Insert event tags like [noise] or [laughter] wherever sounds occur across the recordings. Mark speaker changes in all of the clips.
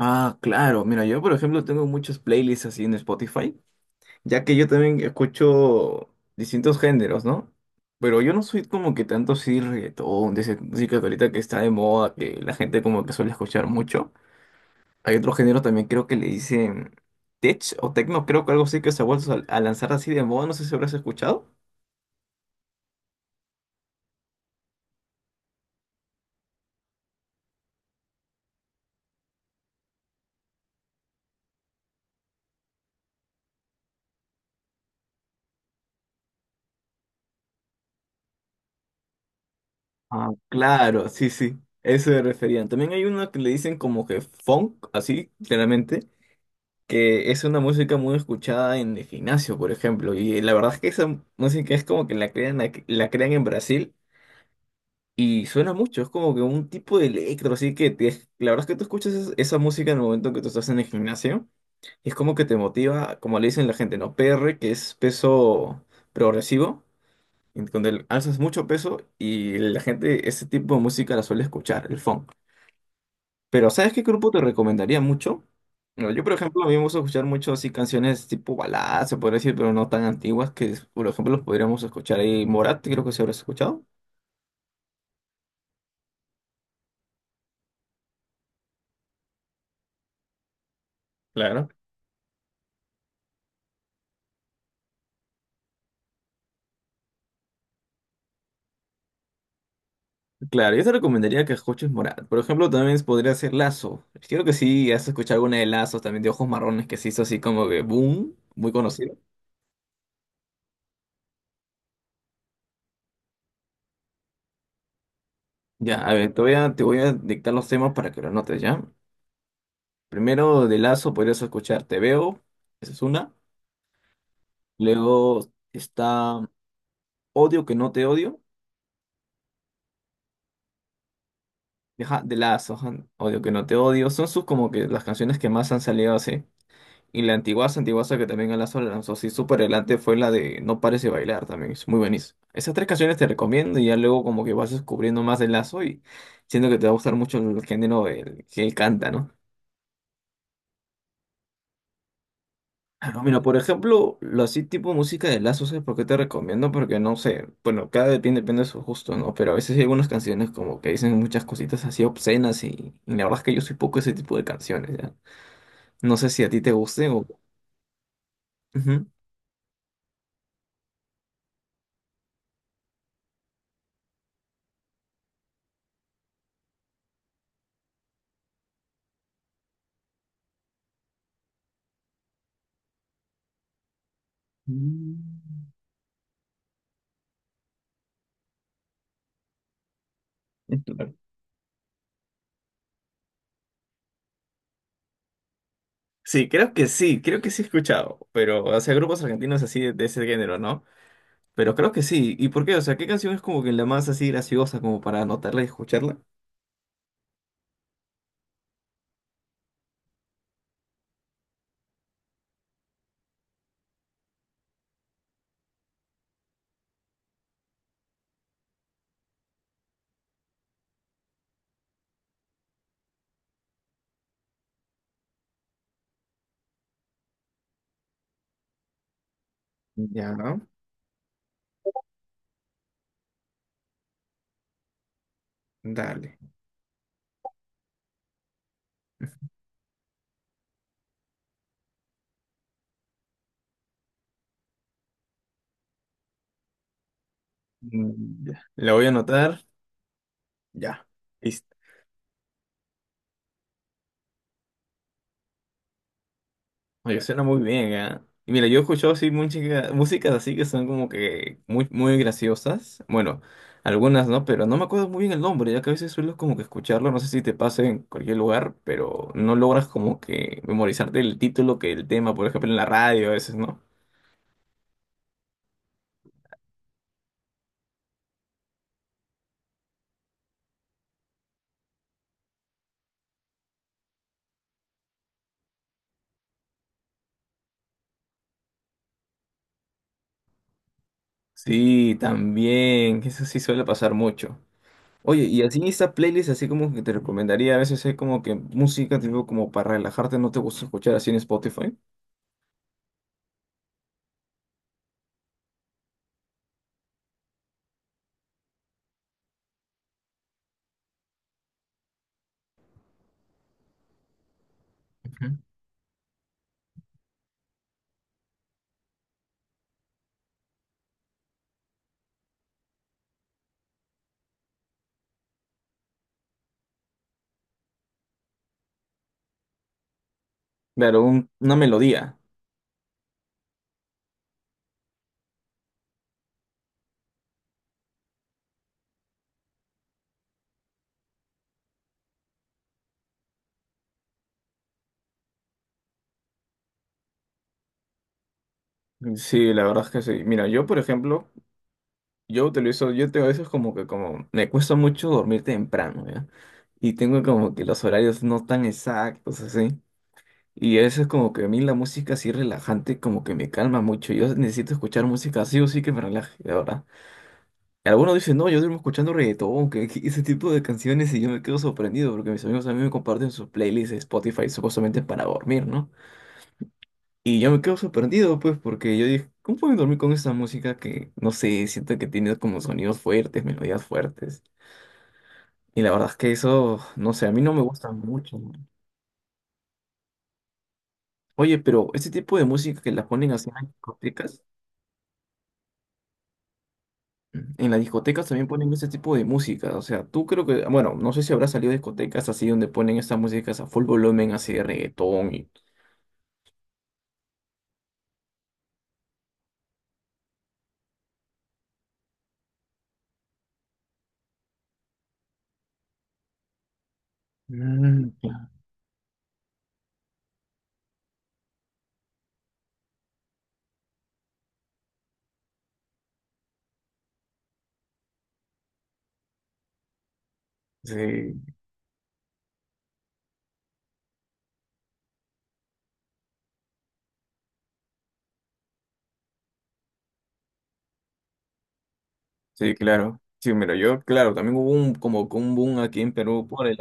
Speaker 1: Ah, claro. Mira, yo por ejemplo tengo muchas playlists así en Spotify, ya que yo también escucho distintos géneros, ¿no? Pero yo no soy como que tanto así reggaetón, de esa música que ahorita que está de moda, que la gente como que suele escuchar mucho. Hay otro género también creo que le dicen tech o techno, creo que algo así que se ha vuelto a lanzar así de moda, no sé si habrás escuchado. Ah, claro, sí, sí, eso me referían. También hay una que le dicen como que funk, así, claramente. Que es una música muy escuchada en el gimnasio, por ejemplo, y la verdad es que esa música es como que la crean, la crean en Brasil y suena mucho, es como que un tipo de electro, así que la verdad es que tú escuchas esa música en el momento que tú estás en el gimnasio y es como que te motiva, como le dicen la gente, ¿no? PR, que es peso progresivo, en donde alzas mucho peso y la gente ese tipo de música la suele escuchar, el funk. Pero ¿sabes qué grupo te recomendaría mucho? Bueno, yo, por ejemplo, a mí me gusta escuchar mucho así canciones tipo baladas, se podría decir, pero no tan antiguas, que por ejemplo los podríamos escuchar ahí. Morat, creo que se habrás escuchado. Claro. Claro, yo te recomendaría que escuches Morat. Por ejemplo, también podría ser Lazo. Creo que sí, has escuchado alguna de Lazos, también de Ojos Marrones, que se hizo así como que boom, muy conocido. Ya, a ver, te voy a dictar los temas para que lo anotes, ¿ya? Primero de Lazo podrías escuchar Te Veo, esa es una. Luego está Odio que no te odio, ajá, de Lazo, ajá, Odio que no te odio, son sus como que las canciones que más han salido así. Y la antiguaza, antiguaza que también a Lazo la lanzó así súper adelante fue la de No pares de bailar también, es muy buenísimo. Esas tres canciones te recomiendo y ya luego como que vas descubriendo más de Lazo y siento que te va a gustar mucho el género del que él canta, ¿no? Claro, mira, por ejemplo, lo así tipo música de Lazo, ¿sabes por qué te recomiendo? Porque no sé, bueno, cada depende, depende de su gusto, ¿no? Pero a veces hay algunas canciones como que dicen muchas cositas así obscenas y la verdad es que yo soy poco ese tipo de canciones, ¿ya? No sé si a ti te gusten o... Ujú. Mm. Claro. Sí, creo que sí, creo que sí he escuchado, pero, o sea, grupos argentinos así de ese género, ¿no? Pero creo que sí. ¿Y por qué? O sea, ¿qué canción es como que la más así graciosa como para anotarla y escucharla? Ya, ¿no? Dale. Mm, ya. La voy a anotar. Ya. Listo. Oye, suena muy bien, ¿ah? Y mira, yo he escuchado así música, músicas así que son como que muy graciosas. Bueno, algunas no, pero no me acuerdo muy bien el nombre, ya que a veces suelo como que escucharlo, no sé si te pasa en cualquier lugar, pero no logras como que memorizarte el título que el tema, por ejemplo, en la radio a veces, ¿no? Sí, también, eso sí suele pasar mucho. Oye, y así esta playlist, así como que te recomendaría, a veces hay como que música, tipo como para relajarte, ¿no te gusta escuchar así en Spotify? Ujú. Claro, una melodía. Sí, la verdad es que sí. Mira, yo, por ejemplo, yo utilizo, yo tengo a veces como que como, me cuesta mucho dormir temprano, ¿ya? Y tengo como que los horarios no tan exactos, así. Y eso es como que a mí la música así relajante como que me calma mucho. Yo necesito escuchar música así o sí que me relaje, la verdad. Algunos dicen, no, yo duermo escuchando reggaetón, que [laughs] que ese tipo de canciones y yo me quedo sorprendido porque mis amigos a mí me comparten sus playlists de Spotify supuestamente para dormir, ¿no? Y yo me quedo sorprendido, pues, porque yo dije, ¿cómo puedo dormir con esa música que, no sé, siento que tiene como sonidos fuertes, melodías fuertes? Y la verdad es que eso, no sé, a mí no me gusta mucho. ¿No? Oye, pero este tipo de música que las ponen así en las discotecas también ponen este tipo de música. O sea, tú creo que, bueno, no sé si habrá salido de discotecas así donde ponen estas músicas a full volumen, así de reggaetón y... Mm, claro. Sí, sí, claro. Sí, mira, yo, claro, también hubo un, como que un boom aquí en Perú por el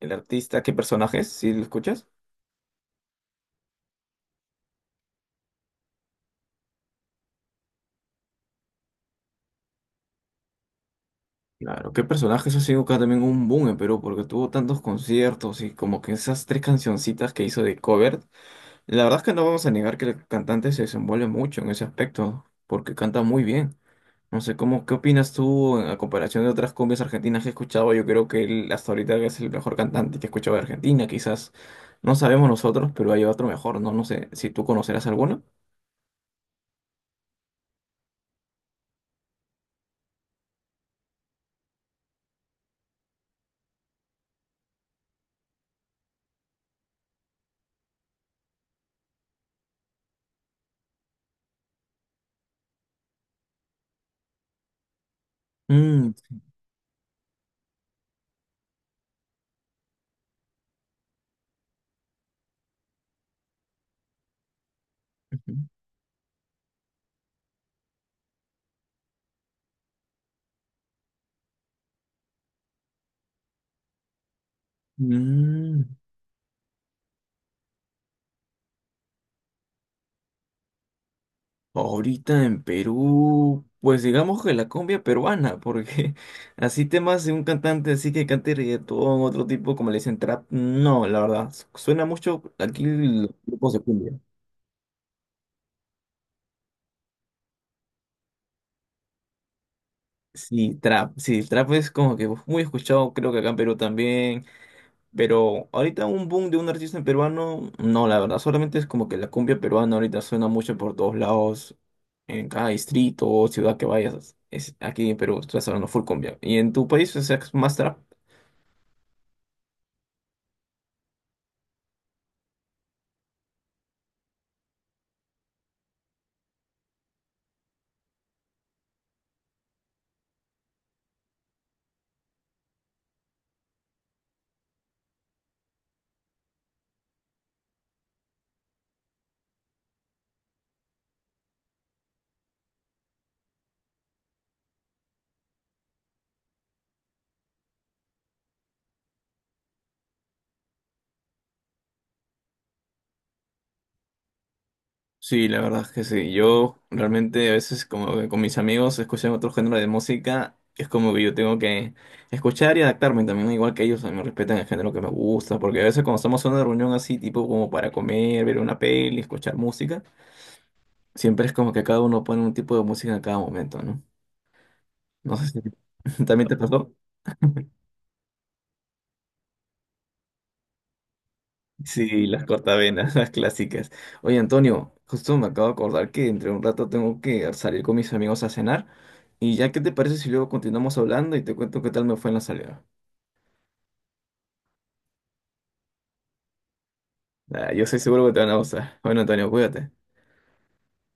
Speaker 1: El artista, ¿qué personajes? ¿Sí lo escuchas? Claro, qué personaje eso ha sido acá también un boom en Perú, porque tuvo tantos conciertos y como que esas tres cancioncitas que hizo de cover, la verdad es que no vamos a negar que el cantante se desenvuelve mucho en ese aspecto, porque canta muy bien. No sé, cómo, ¿qué opinas tú a comparación de otras cumbias argentinas que he escuchado? Yo creo que él hasta ahorita es el mejor cantante que he escuchado de Argentina, quizás no sabemos nosotros, pero hay otro mejor, ¿no? No sé si tú conocerás alguno. Mm, sí, ujú. Mm, ahorita en Perú, pues digamos que la cumbia peruana, porque [laughs] así temas de un cantante así que cante reggaetón, otro tipo como le dicen trap, no, la verdad, suena mucho aquí los grupos de cumbia. Sí, trap, sí, el trap es como que muy escuchado, creo que acá en Perú también. Pero ahorita un boom de un artista en peruano, no, la verdad, solamente es como que la cumbia peruana ahorita suena mucho por todos lados, en cada distrito o ciudad que vayas, es aquí en Perú estás hablando full cumbia. ¿Y en tu país o sea, es más trap? Sí, la verdad es que sí. Yo realmente a veces como que con mis amigos escuchan otro género de música, es como que yo tengo que escuchar y adaptarme también, ¿no? Igual que ellos, a mí me respetan el género que me gusta, porque a veces cuando estamos en una reunión así, tipo como para comer, ver una peli, escuchar música. Siempre es como que cada uno pone un tipo de música en cada momento, ¿no? No sé si [laughs] también te pasó. [laughs] Sí, las cortavenas, [laughs] las clásicas. Oye, Antonio, justo me acabo de acordar que entre un rato tengo que salir con mis amigos a cenar. Y ya, ¿qué te parece si luego continuamos hablando y te cuento qué tal me fue en la salida? Ah, yo estoy seguro que te van a gustar. Bueno, Antonio, cuídate.